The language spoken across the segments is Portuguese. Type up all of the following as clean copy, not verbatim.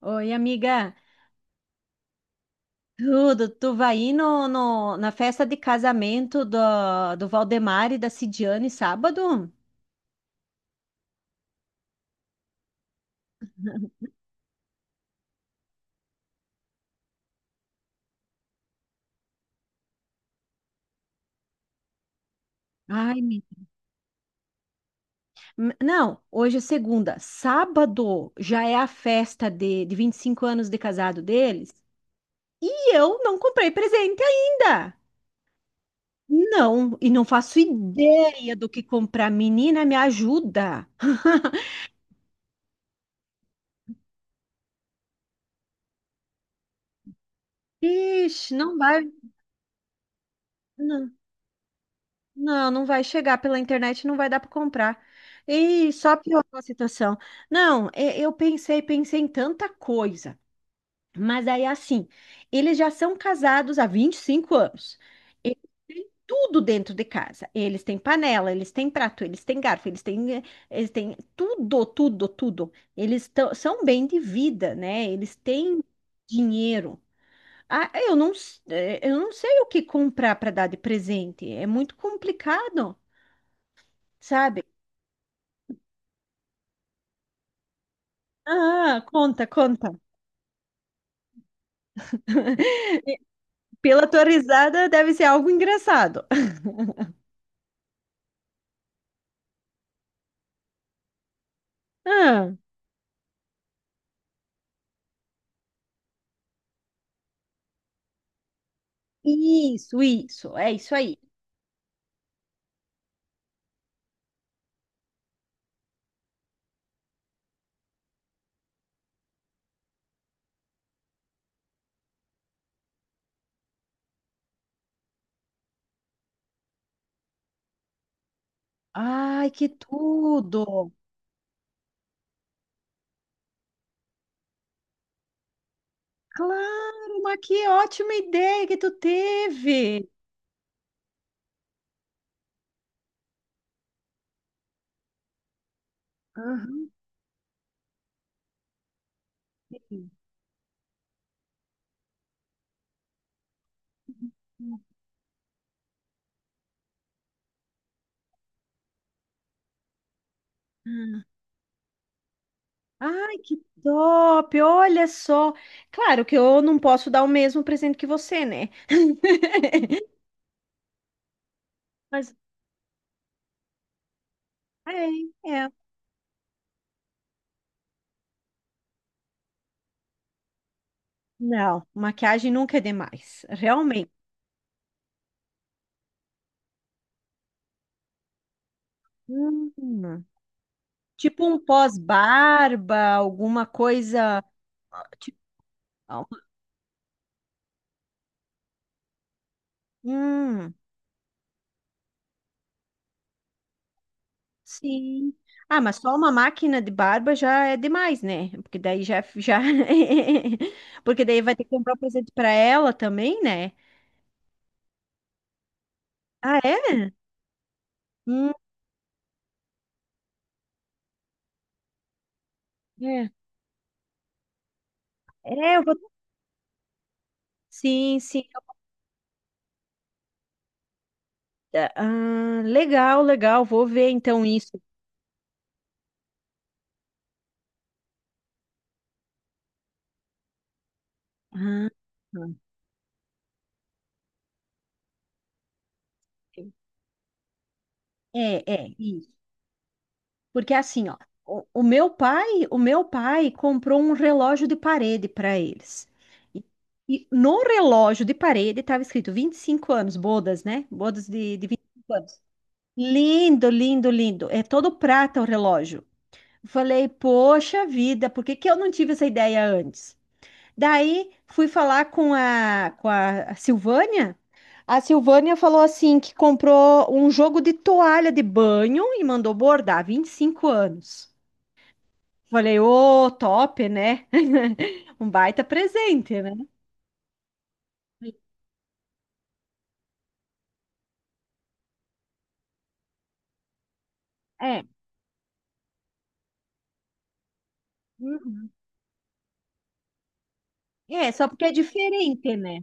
Oi, amiga. Tudo, tu vai ir na festa de casamento do Valdemar e da Cidiane sábado? Ai, me- Não, hoje é segunda. Sábado já é a festa de 25 anos de casado deles. E eu não comprei presente ainda. Não, e não faço ideia do que comprar. Menina, me ajuda. Ixi, não vai. Não. Não, não vai chegar pela internet, não vai dar para comprar. E só piorou a situação. Não, eu pensei em tanta coisa. Mas aí, assim, eles já são casados há 25 anos. Eles têm tudo dentro de casa. Eles têm panela, eles têm prato, eles têm garfo, eles têm, eles têm tudo, tudo, tudo. São bem de vida, né? Eles têm dinheiro. Ah, eu eu não sei o que comprar para dar de presente. É muito complicado sabe? Ah, conta, conta. Pela tua risada, deve ser algo engraçado. Ah, isso, é isso aí. Ai, que tudo! Claro, mas que ótima ideia que tu teve! Aham. Ah, ai, que top! Olha só. Claro que eu não posso dar o mesmo presente que você, né? Mas é, é. Não, maquiagem nunca é demais, realmente. Hum. Tipo um pós-barba, alguma coisa. Tipo, hum, sim. Ah, mas só uma máquina de barba já é demais, né? Porque Porque daí vai ter que comprar um presente pra ela também, né? Ah, é? Hum, é. É, eu vou... Sim, sim. Ah, legal, legal. Vou ver então isso. Ah, tá. É, é. Isso. Porque assim, ó, o meu pai, o meu pai comprou um relógio de parede para eles. E, e no relógio de parede estava escrito 25 anos, bodas, né? Bodas de vinte e cinco anos. Lindo, lindo, lindo. É todo prata o relógio. Falei, poxa vida, por que que eu não tive essa ideia antes? Daí fui falar com a Silvânia. A Silvânia falou assim que comprou um jogo de toalha de banho e mandou bordar 25 anos. Falei, ô, top, né? Um baita presente, né? É. Uhum. É, só porque é diferente, né?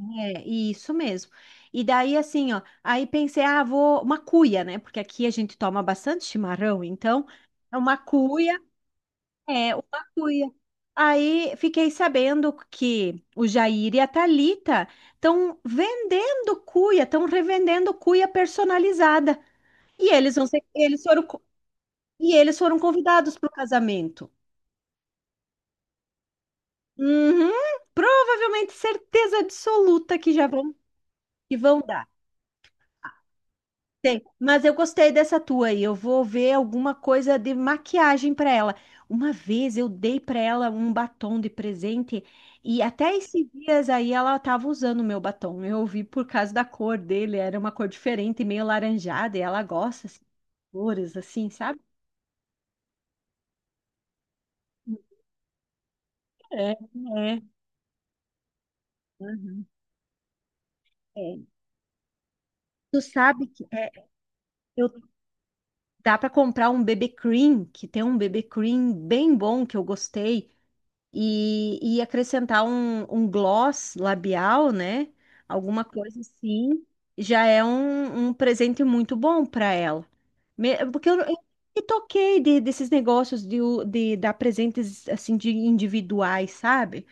É, isso mesmo. E daí, assim, ó, aí pensei, ah, vou uma cuia, né? Porque aqui a gente toma bastante chimarrão, então é uma cuia, é uma cuia. Aí fiquei sabendo que o Jair e a Thalita estão vendendo cuia, estão revendendo cuia personalizada. E eles vão ser, eles foram, E eles foram convidados para o casamento. Uhum, provavelmente certeza absoluta que já vão, que vão dar. Mas eu gostei dessa tua aí. Eu vou ver alguma coisa de maquiagem para ela. Uma vez eu dei para ela um batom de presente e até esses dias aí ela estava usando o meu batom. Eu vi por causa da cor dele, era uma cor diferente, meio laranjada, e ela gosta assim, de cores assim, sabe? É, é. Uhum, é. Tu sabe que é, eu Dá para comprar um BB Cream, que tem um BB Cream bem bom que eu gostei, e acrescentar um gloss labial, né? Alguma coisa assim, já é um presente muito bom para ela. Porque eu me toquei desses negócios de dar presentes assim de individuais, sabe?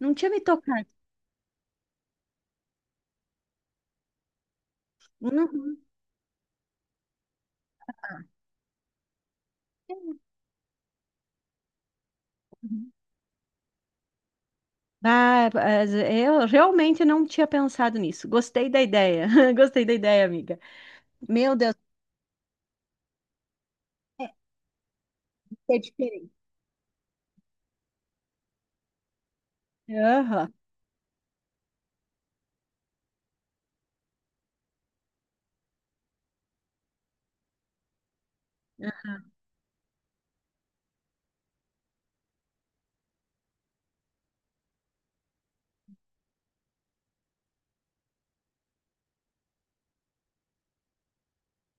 Não tinha me tocado. Uhum. Ah, mas eu realmente não tinha pensado nisso. Gostei da ideia. Gostei da ideia, amiga. Meu Deus. Que é diferente. Aham.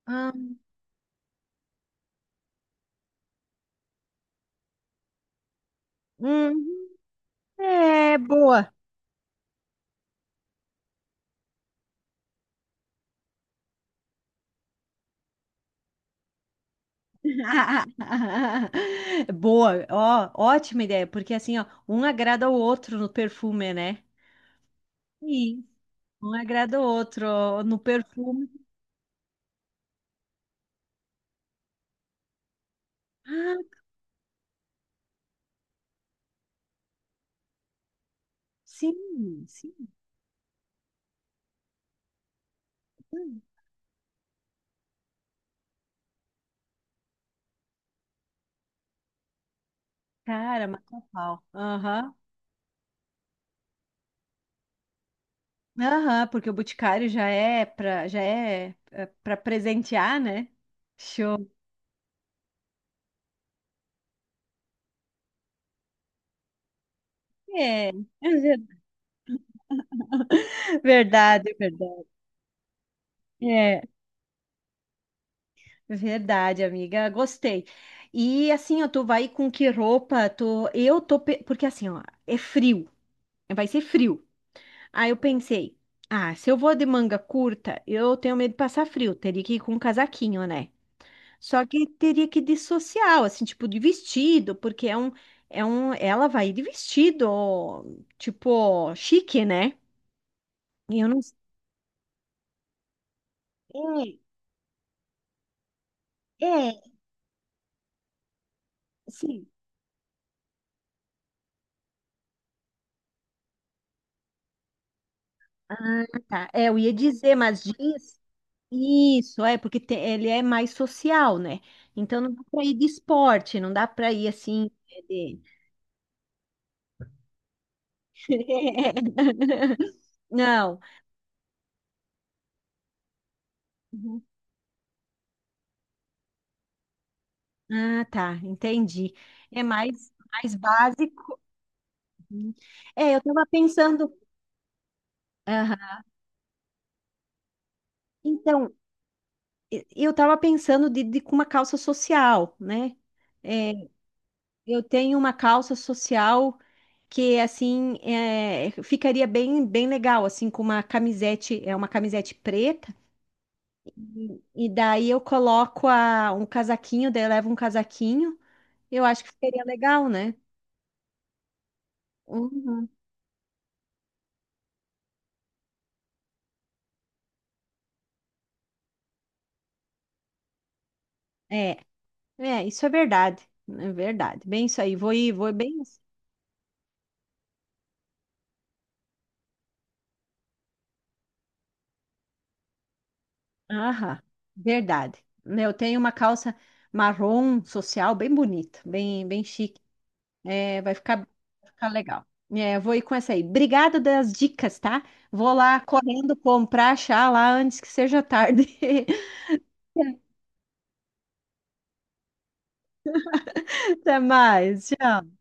Ah, uhum. É, boa. Boa, ó, ótima ideia, porque assim, ó, um agrada o outro no perfume, né? Sim. Um agrada o outro ó, no perfume. Ah, sim, sim. Sim. Cara, matou pau. Aham. Aham, porque o Boticário já é pra, pra presentear, né? Show. É. Verdade, verdade. É. Verdade, amiga, gostei. E assim, ó, tu vai com que roupa? Tu... Porque assim, ó, é frio, vai ser frio. Aí eu pensei, ah, se eu vou de manga curta, eu tenho medo de passar frio, teria que ir com um casaquinho, né? Só que teria que ir de social, assim, tipo de vestido, porque é um. É um... Ela vai de vestido, tipo, chique, né? E eu não sei. É, é, sim. Ah, tá. É, eu ia dizer, mas diz. Isso, é, porque ele é mais social, né? Então não dá para ir de esporte, não dá para ir assim. de- Não. Uhum. Ah, tá, entendi. É mais, mais básico. Uhum. É, eu estava pensando. Aham. Então, eu estava pensando de com uma calça social, né? É, eu tenho uma calça social que assim é, ficaria bem legal assim com uma camisete é uma camisete preta. E daí eu coloco um casaquinho, daí eu levo um casaquinho. Eu acho que ficaria legal, né? Uhum. É, é, isso é verdade. É verdade. Bem isso aí. Vou ir, vou bem. Assim. Aham, verdade. Né, eu tenho uma calça marrom social bem bonita, bem, bem chique. É, vai ficar legal. É, eu vou ir com essa aí. Obrigada das dicas, tá? Vou lá correndo comprar, achar lá antes que seja tarde. Até mais. Tchau.